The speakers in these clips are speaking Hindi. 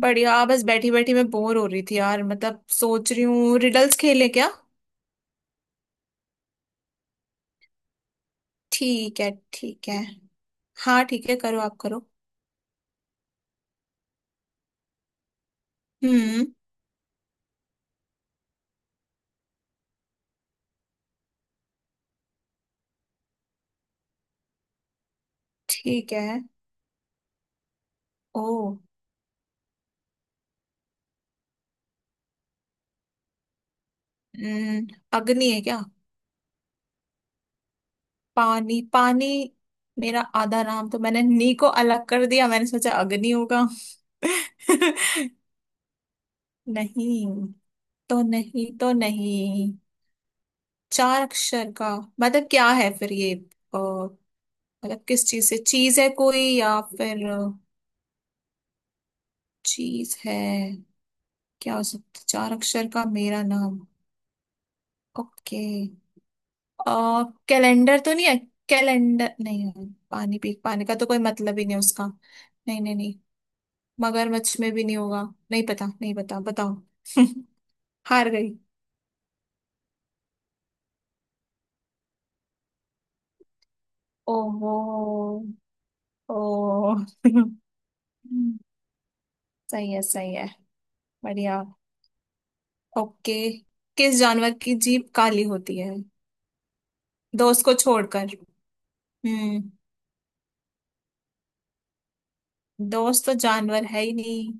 बढ़िया। बस बैठी बैठी मैं बोर हो रही थी यार, मतलब सोच रही हूँ रिडल्स खेलें क्या। ठीक है, ठीक है। हाँ ठीक है, करो, आप करो। हम्म, ठीक है। ओ। हम्म, अग्नि है क्या? पानी, पानी मेरा आधा नाम, तो मैंने नी को अलग कर दिया, मैंने सोचा अग्नि होगा। नहीं तो नहीं, तो नहीं। चार अक्षर का मतलब क्या है फिर ये? मतलब किस चीज से, चीज है कोई या फिर? चीज है। क्या हो सकता है? चार अक्षर का मेरा नाम। ओके। कैलेंडर तो नहीं है? कैलेंडर नहीं है, पानी पी, पानी का तो कोई मतलब ही नहीं है उसका। नहीं नहीं नहीं। मगरमच्छ में भी नहीं होगा। नहीं पता, नहीं पता, बताओ। हार गई। ओहो। ओ। सही है, सही है। बढ़िया। ओके। किस जानवर की जीभ काली होती है? दोस्त को छोड़कर। हम्म। दोस्त तो जानवर है ही नहीं।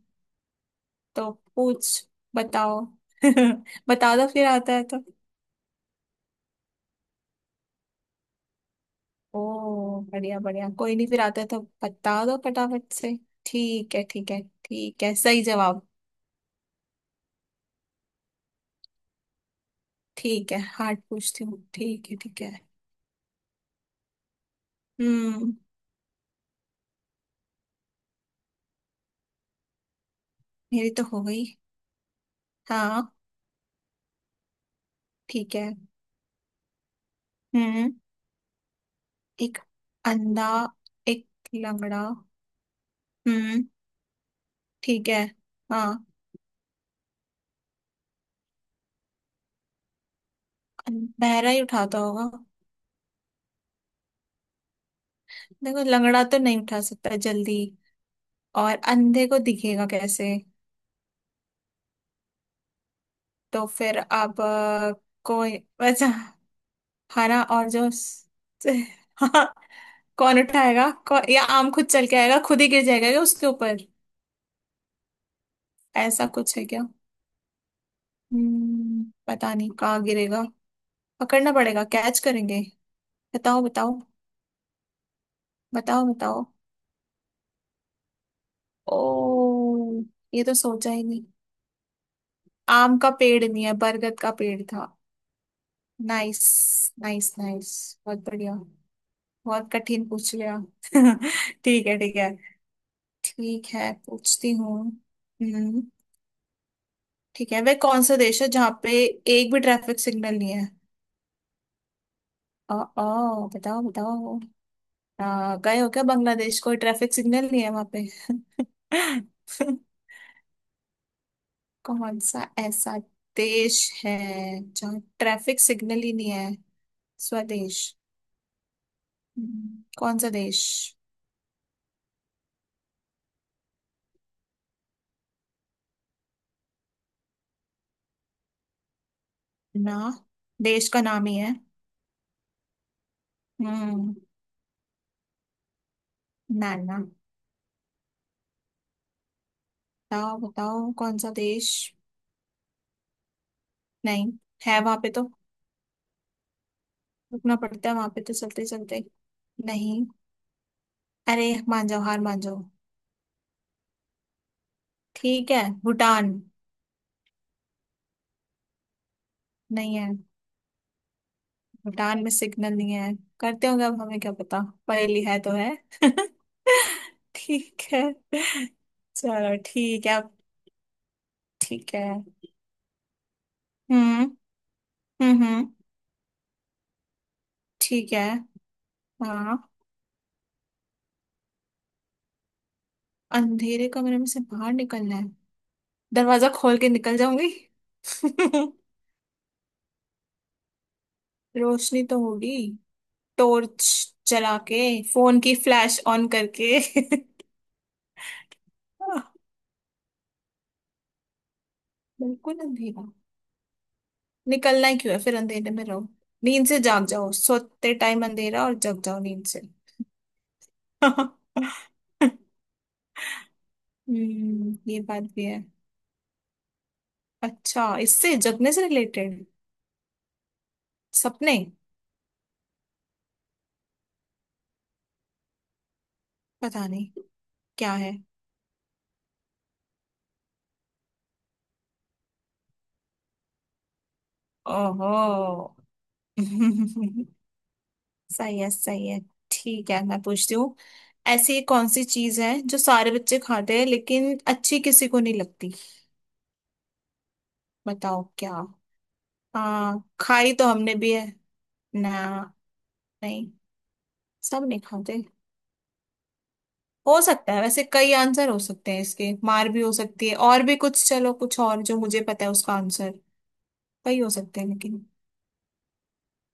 तो पूछ, बताओ। बता दो फिर, आता है तो। ओ बढ़िया, बढ़िया, कोई नहीं, फिर आता है तो बता दो फटाफट से। ठीक है, ठीक है, ठीक है, सही जवाब। ठीक है हार्ड पूछती हूँ, ठीक है ठीक है। हम्म। मेरी तो हो गई। हाँ। ठीक है। हम्म। एक अंधा। एक लंगड़ा। हम्म। ठीक है। हाँ, बहरा ही उठाता होगा। देखो, लंगड़ा तो नहीं उठा सकता जल्दी। और अंधे को दिखेगा कैसे? तो फिर आप कोई वैसे। हरा और जो स- हाँ। कौन उठाएगा? या आम खुद चल के आएगा? खुद ही गिर जाएगा क्या उसके ऊपर? ऐसा कुछ है क्या? पता नहीं कहाँ गिरेगा। पकड़ना पड़ेगा, कैच करेंगे। बताओ, बताओ। बताओ, बताओ। ओ। ये तो सोचा ही नहीं। आम का पेड़ नहीं है, बरगद का पेड़ था। Nice nice nice. बहुत बढ़िया। बहुत कठिन पूछ लिया। ठीक है, ठीक है। ठीक है पूछती हूँ। हम्म। ठीक है, वह कौन सा देश है जहाँ पे एक भी ट्रैफिक सिग्नल नहीं है? आ, आ, बताओ बताओ। आ, गए हो क्या बांग्लादेश? कोई ट्रैफिक सिग्नल नहीं है वहां पे? कौन सा ऐसा देश है जहाँ ट्रैफिक सिग्नल ही नहीं है? स्वदेश। कौन सा देश? ना, देश का नाम ही है। हम्म। ना ना। बताओ बताओ, कौन सा देश? नहीं, है वहां पे तो। रुकना पड़ता है वहां पे तो चलते चलते। नहीं। अरे मान जाओ, हार मान जाओ। ठीक है, भूटान। नहीं है। भूटान में सिग्नल नहीं है। करते होंगे, अब हमें क्या पता। पहेली है तो है। ठीक है। चलो ठीक है अब। ठीक है। हम्म, हम्म, ठीक है। हाँ। अंधेरे कमरे में से बाहर निकलना है। दरवाजा खोल के निकल जाऊंगी। रोशनी तो होगी। टॉर्च जला के। फोन की फ्लैश ऑन करके। बिल्कुल अंधेरा। निकलना ही क्यों है फिर? अंधेरे में रहो। नींद से जाग जाओ, सोते टाइम अंधेरा, और जग जाओ नींद से। हम्म। ये बात भी है। अच्छा, इससे जगने से रिलेटेड। सपने। पता नहीं क्या है। ओहो। सही है, सही है। ठीक है मैं पूछती हूँ। ऐसी कौन सी चीज है जो सारे बच्चे खाते हैं लेकिन अच्छी किसी को नहीं लगती? बताओ क्या। हाँ, खाई तो हमने भी है। ना। नहीं सब नहीं खाते। हो सकता है, वैसे कई आंसर हो सकते हैं इसके, मार भी हो सकती है और भी कुछ, चलो कुछ और जो मुझे पता है उसका आंसर। कई हो सकते हैं लेकिन।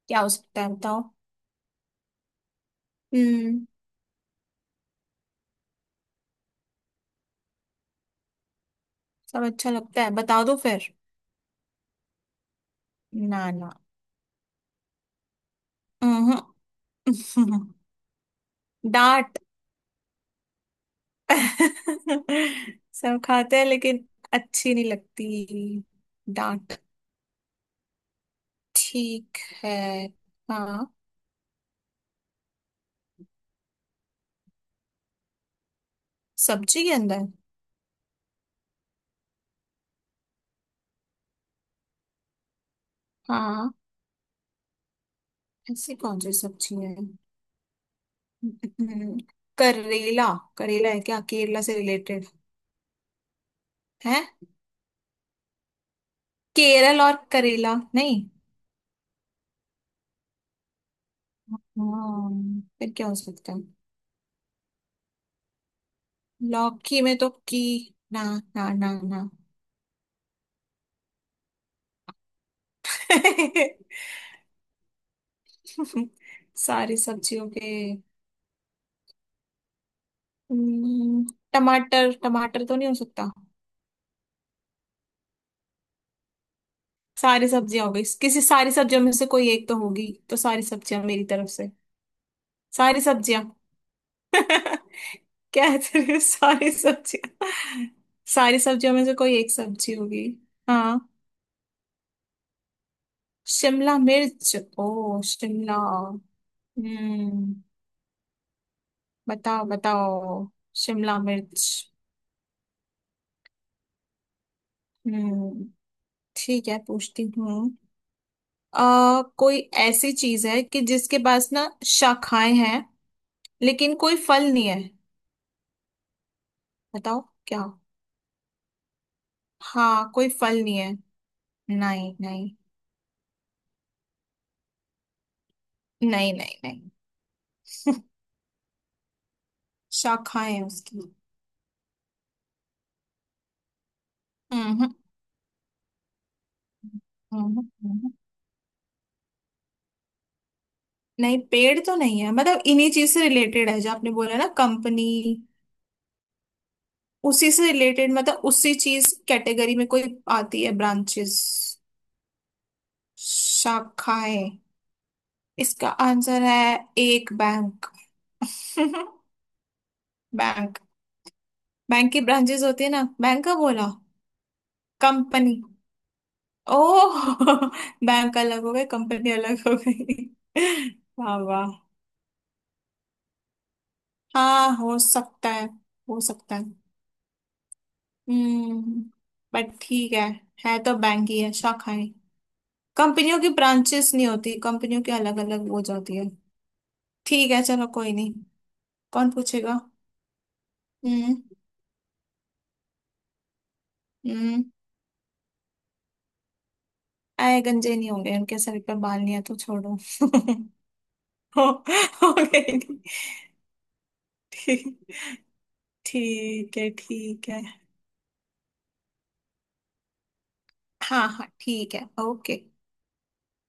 क्या हो सकता है बताओ। हम्म। सब अच्छा लगता है, बता दो फिर। ना ना। अहं। डांट। सब खाते हैं लेकिन अच्छी नहीं लगती। डांट। ठीक है। हाँ। सब्जी के अंदर? हाँ, ऐसी कौन सी सब्जी है? हम्म, करेला। करेला है क्या? केरला से रिलेटेड है? केरल और करेला नहीं? हाँ। फिर क्या हो सकता है? लौकी में तो की। ना ना ना। ना। सारी सब्जियों के। हम्म, टमाटर, टमाटर तो नहीं हो सकता। सारी सब्जियां हो गई किसी। सारी सब्जियों में से कोई एक तो होगी, तो सारी सब्जियां मेरी तरफ से। सारी सब्जियां। क्या है तेरे सारी सब्जियां। सारी सब्जियों में से कोई एक सब्जी होगी। हाँ, शिमला मिर्च। ओ शिमला। हम्म। बताओ, बताओ, शिमला मिर्च। हम्म। ठीक है, पूछती हूँ। आ, कोई ऐसी चीज है कि जिसके पास ना शाखाएं हैं लेकिन कोई फल नहीं है। बताओ क्या? हाँ, कोई फल नहीं है। नहीं नहीं नहीं। नहीं नहीं। शाखाएं हैं उसकी। हम्म, हम्म, हम्म। नहीं, पेड़ तो नहीं है, मतलब इन्हीं चीज से रिलेटेड है जो आपने बोला ना, कंपनी। उसी से रिलेटेड, मतलब उसी चीज कैटेगरी में कोई आती है, ब्रांचेस, शाखाएं। इसका आंसर है एक बैंक। बैंक। बैंक की ब्रांचेस होती है ना, बैंक का बोला। कंपनी। ओह, बैंक अलग हो गए, कंपनी अलग हो गई। वाह वाह। हाँ हो सकता है, हो सकता है। हम्म। बट ठीक है। है तो बैंक ही है, शाखा है। कंपनियों की ब्रांचेस नहीं होती, कंपनियों की अलग अलग हो जाती है। ठीक है, चलो कोई नहीं। कौन पूछेगा? हम्म। हम्म। आए, गंजे नहीं होंगे, उनके सर पे बाल नहीं है तो छोड़ो। हो हो गई। ठीक। ठीक है, ठीक है। हाँ हाँ ठीक है, ओके।